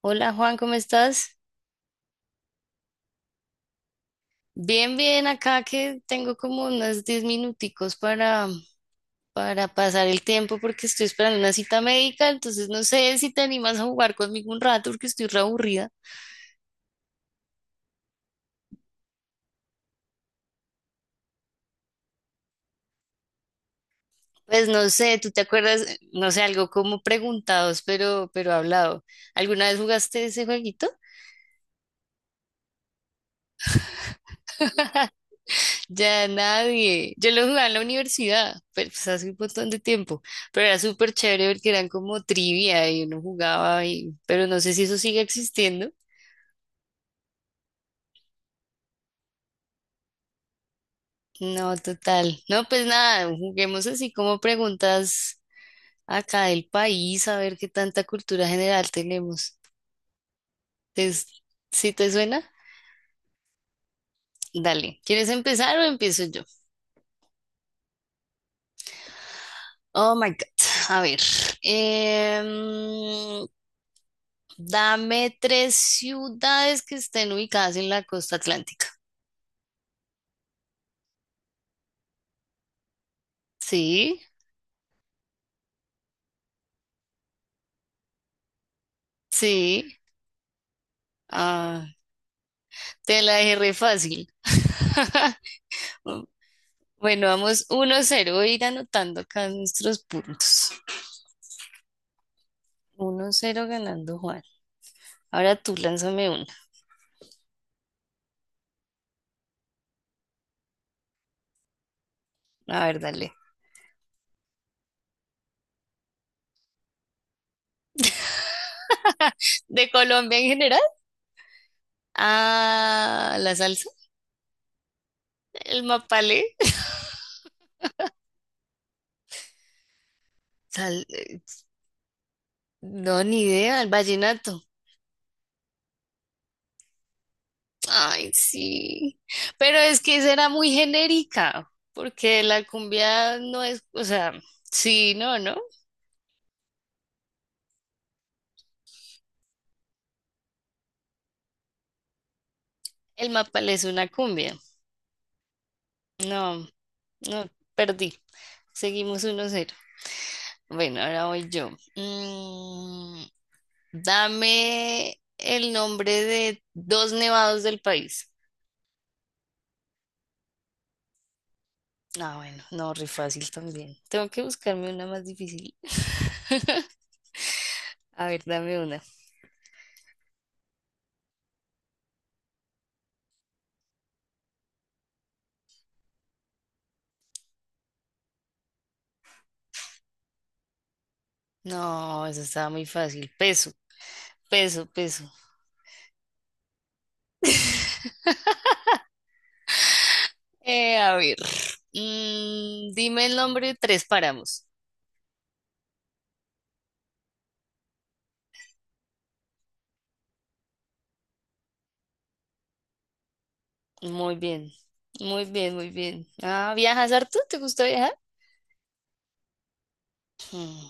Hola Juan, ¿cómo estás? Bien, bien, acá que tengo como unos 10 minuticos para pasar el tiempo porque estoy esperando una cita médica, entonces no sé si te animas a jugar conmigo un rato porque estoy re aburrida. Pues no sé, ¿tú te acuerdas? No sé, algo como preguntados, pero hablado. ¿Alguna vez jugaste ese jueguito? Ya nadie. Yo lo jugaba en la universidad, pero pues hace un montón de tiempo. Pero era súper chévere porque eran como trivia y uno jugaba y, pero no sé si eso sigue existiendo. No, total. No, pues nada, juguemos así como preguntas acá del país, a ver qué tanta cultura general tenemos. ¿Te- si te suena? Dale. ¿Quieres empezar o empiezo yo? Oh my God. A ver. em, Dame tres ciudades que estén ubicadas en la costa atlántica. Sí, sí. Ah, te la dejé re fácil. Bueno, vamos uno cero. Voy a ir anotando acá nuestros puntos. 1-0 ganando Juan. Ahora tú lánzame una. A ver, dale. ¿De Colombia en general? Ah, la salsa, el mapalé. Sal- eh, no, ni idea, el vallenato. Ay, sí. Pero es que esa era muy genérica, porque la cumbia no es, o sea, sí, no, ¿no? El mapalé es una cumbia. No, no, perdí. Seguimos 1-0. Bueno, ahora voy yo. Mm, dame el nombre de dos nevados del país. Ah, bueno, no, re fácil también. Tengo que buscarme una más difícil. A ver, dame una. No, eso estaba muy fácil. Peso, peso, peso. A ver. Dime el nombre de tres páramos. Muy bien, muy bien, muy bien. Ah, ¿viajas harto? ¿Te gusta viajar? Mm.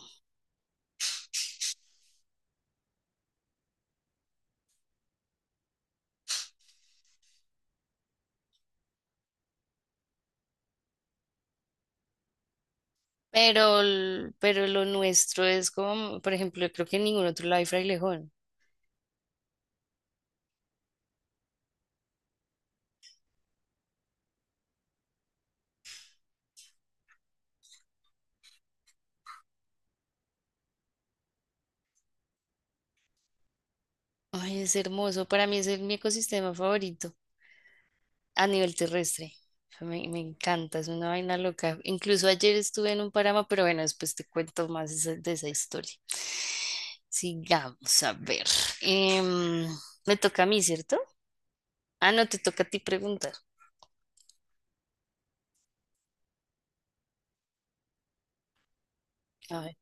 Pero lo nuestro es como, por ejemplo, creo que en ningún otro lado hay frailejón. Ay, es hermoso. Para mí es el, mi ecosistema favorito a nivel terrestre. O sea, me encanta, es una vaina loca. Incluso ayer estuve en un páramo, pero bueno, después te cuento más de esa historia. Sigamos a ver. Em, me toca a mí, ¿cierto? Ah, no, te toca a ti preguntar. A ver.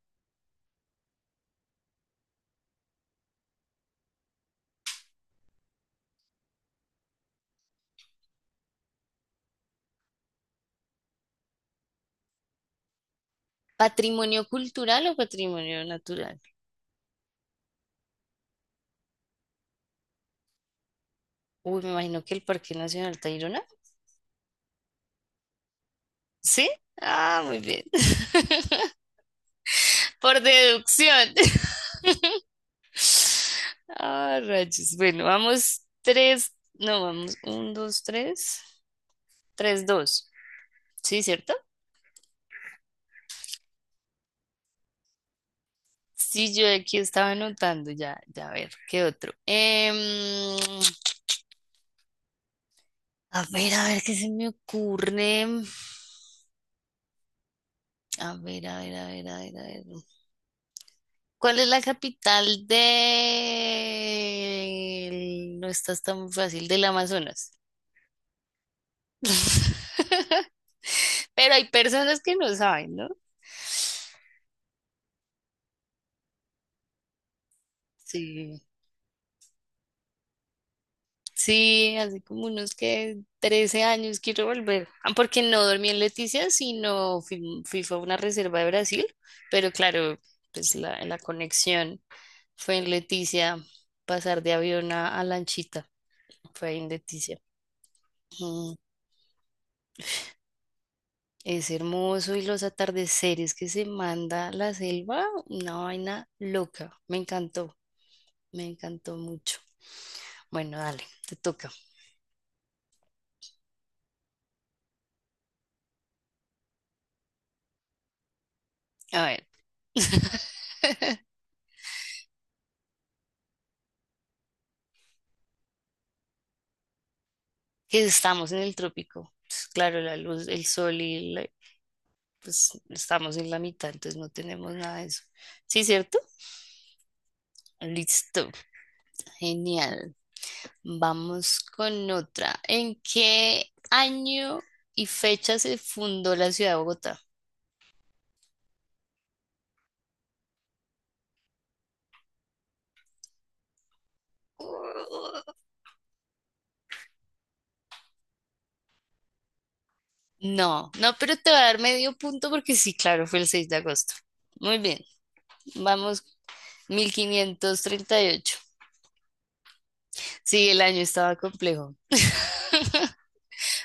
¿Patrimonio cultural o patrimonio natural? Uy, me imagino que el Parque Nacional Tayrona. ¿Sí? Ah, muy bien. Por deducción. Ah, rayos. Bueno, vamos tres, no, vamos, un, dos, tres, tres, dos. ¿Sí, cierto? Sí, yo aquí estaba anotando, ya, ya, a ver, ¿qué otro? A ver, ¿qué se me ocurre? A ver, a ver, a ver, a ver, a ver. ¿Cuál es la capital de... no estás tan fácil, del Amazonas? Pero hay personas que no saben, ¿no? Sí. Sí, hace como unos que 13 años, quiero volver. Ah, porque no dormí en Leticia, sino fui, fue a una reserva de Brasil, pero claro, pues la conexión fue en Leticia, pasar de avión a lanchita, fue ahí en Leticia. Mm. Es hermoso y los atardeceres que se manda la selva, una vaina loca, me encantó mucho. Bueno, dale, te toca. A ver. Que estamos en el trópico. Pues, claro, la luz, el sol y la- pues estamos en la mitad, entonces no tenemos nada de eso. ¿Sí, cierto? Listo, genial. Vamos con otra. ¿En qué año y fecha se fundó la ciudad de Bogotá? No, no, pero te va a dar medio punto porque sí, claro, fue el 6 de agosto. Muy bien, vamos, 1538. Sí, el año estaba complejo.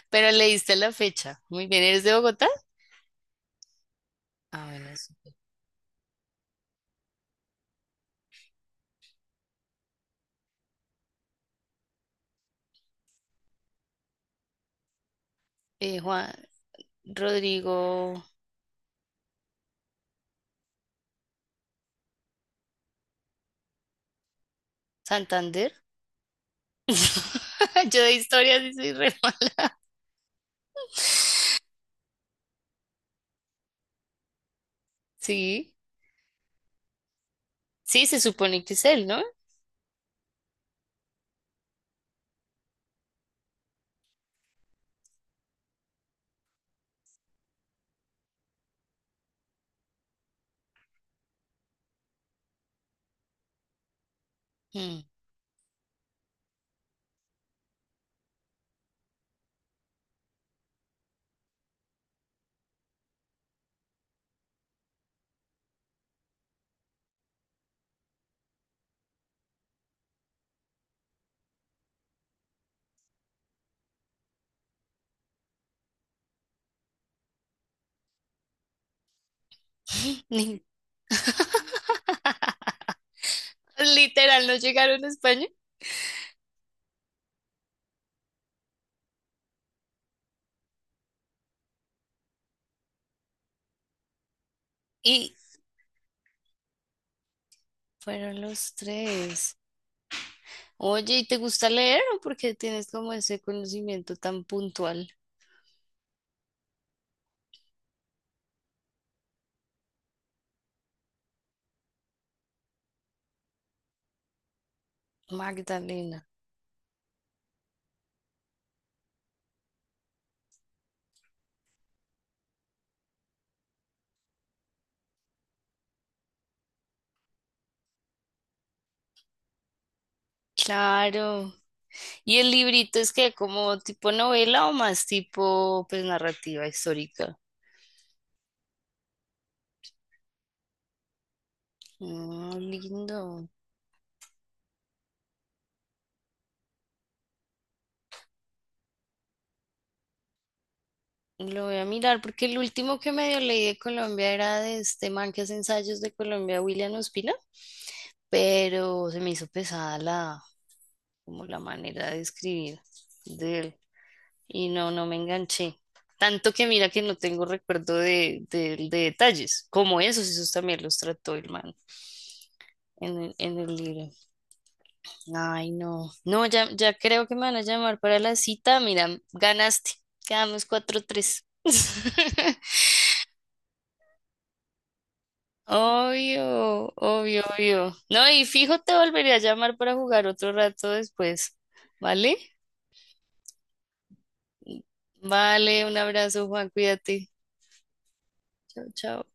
Pero leíste la fecha. Muy bien, ¿eres de Bogotá? Ah, bueno, sí. Juan Rodrigo Santander. Yo de historia sí soy re mala. Sí, sí, se supone que es él, ¿no? Mm. Ni- literal, no llegaron a España y fueron los tres. Oye, ¿y te gusta leer o porque tienes como ese conocimiento tan puntual? Magdalena. Claro. ¿Y el librito es que como tipo novela o más tipo pues narrativa histórica? Ah, lindo. Lo voy a mirar porque el último que medio leí de Colombia era de este man que hace ensayos de Colombia, William Ospina, pero se me hizo pesada la, como la manera de escribir de él y no, no me enganché. Tanto que mira que no tengo recuerdo de, de detalles, como esos, esos también los trató el man en el libro. Ay, no. No, ya, ya creo que me van a llamar para la cita. Mira, ganaste. Quedamos 4-3. Obvio, obvio, obvio. No, y fijo, te volveré a llamar para jugar otro rato después. ¿Vale? Vale, un abrazo, Juan. Cuídate. Chao, chao.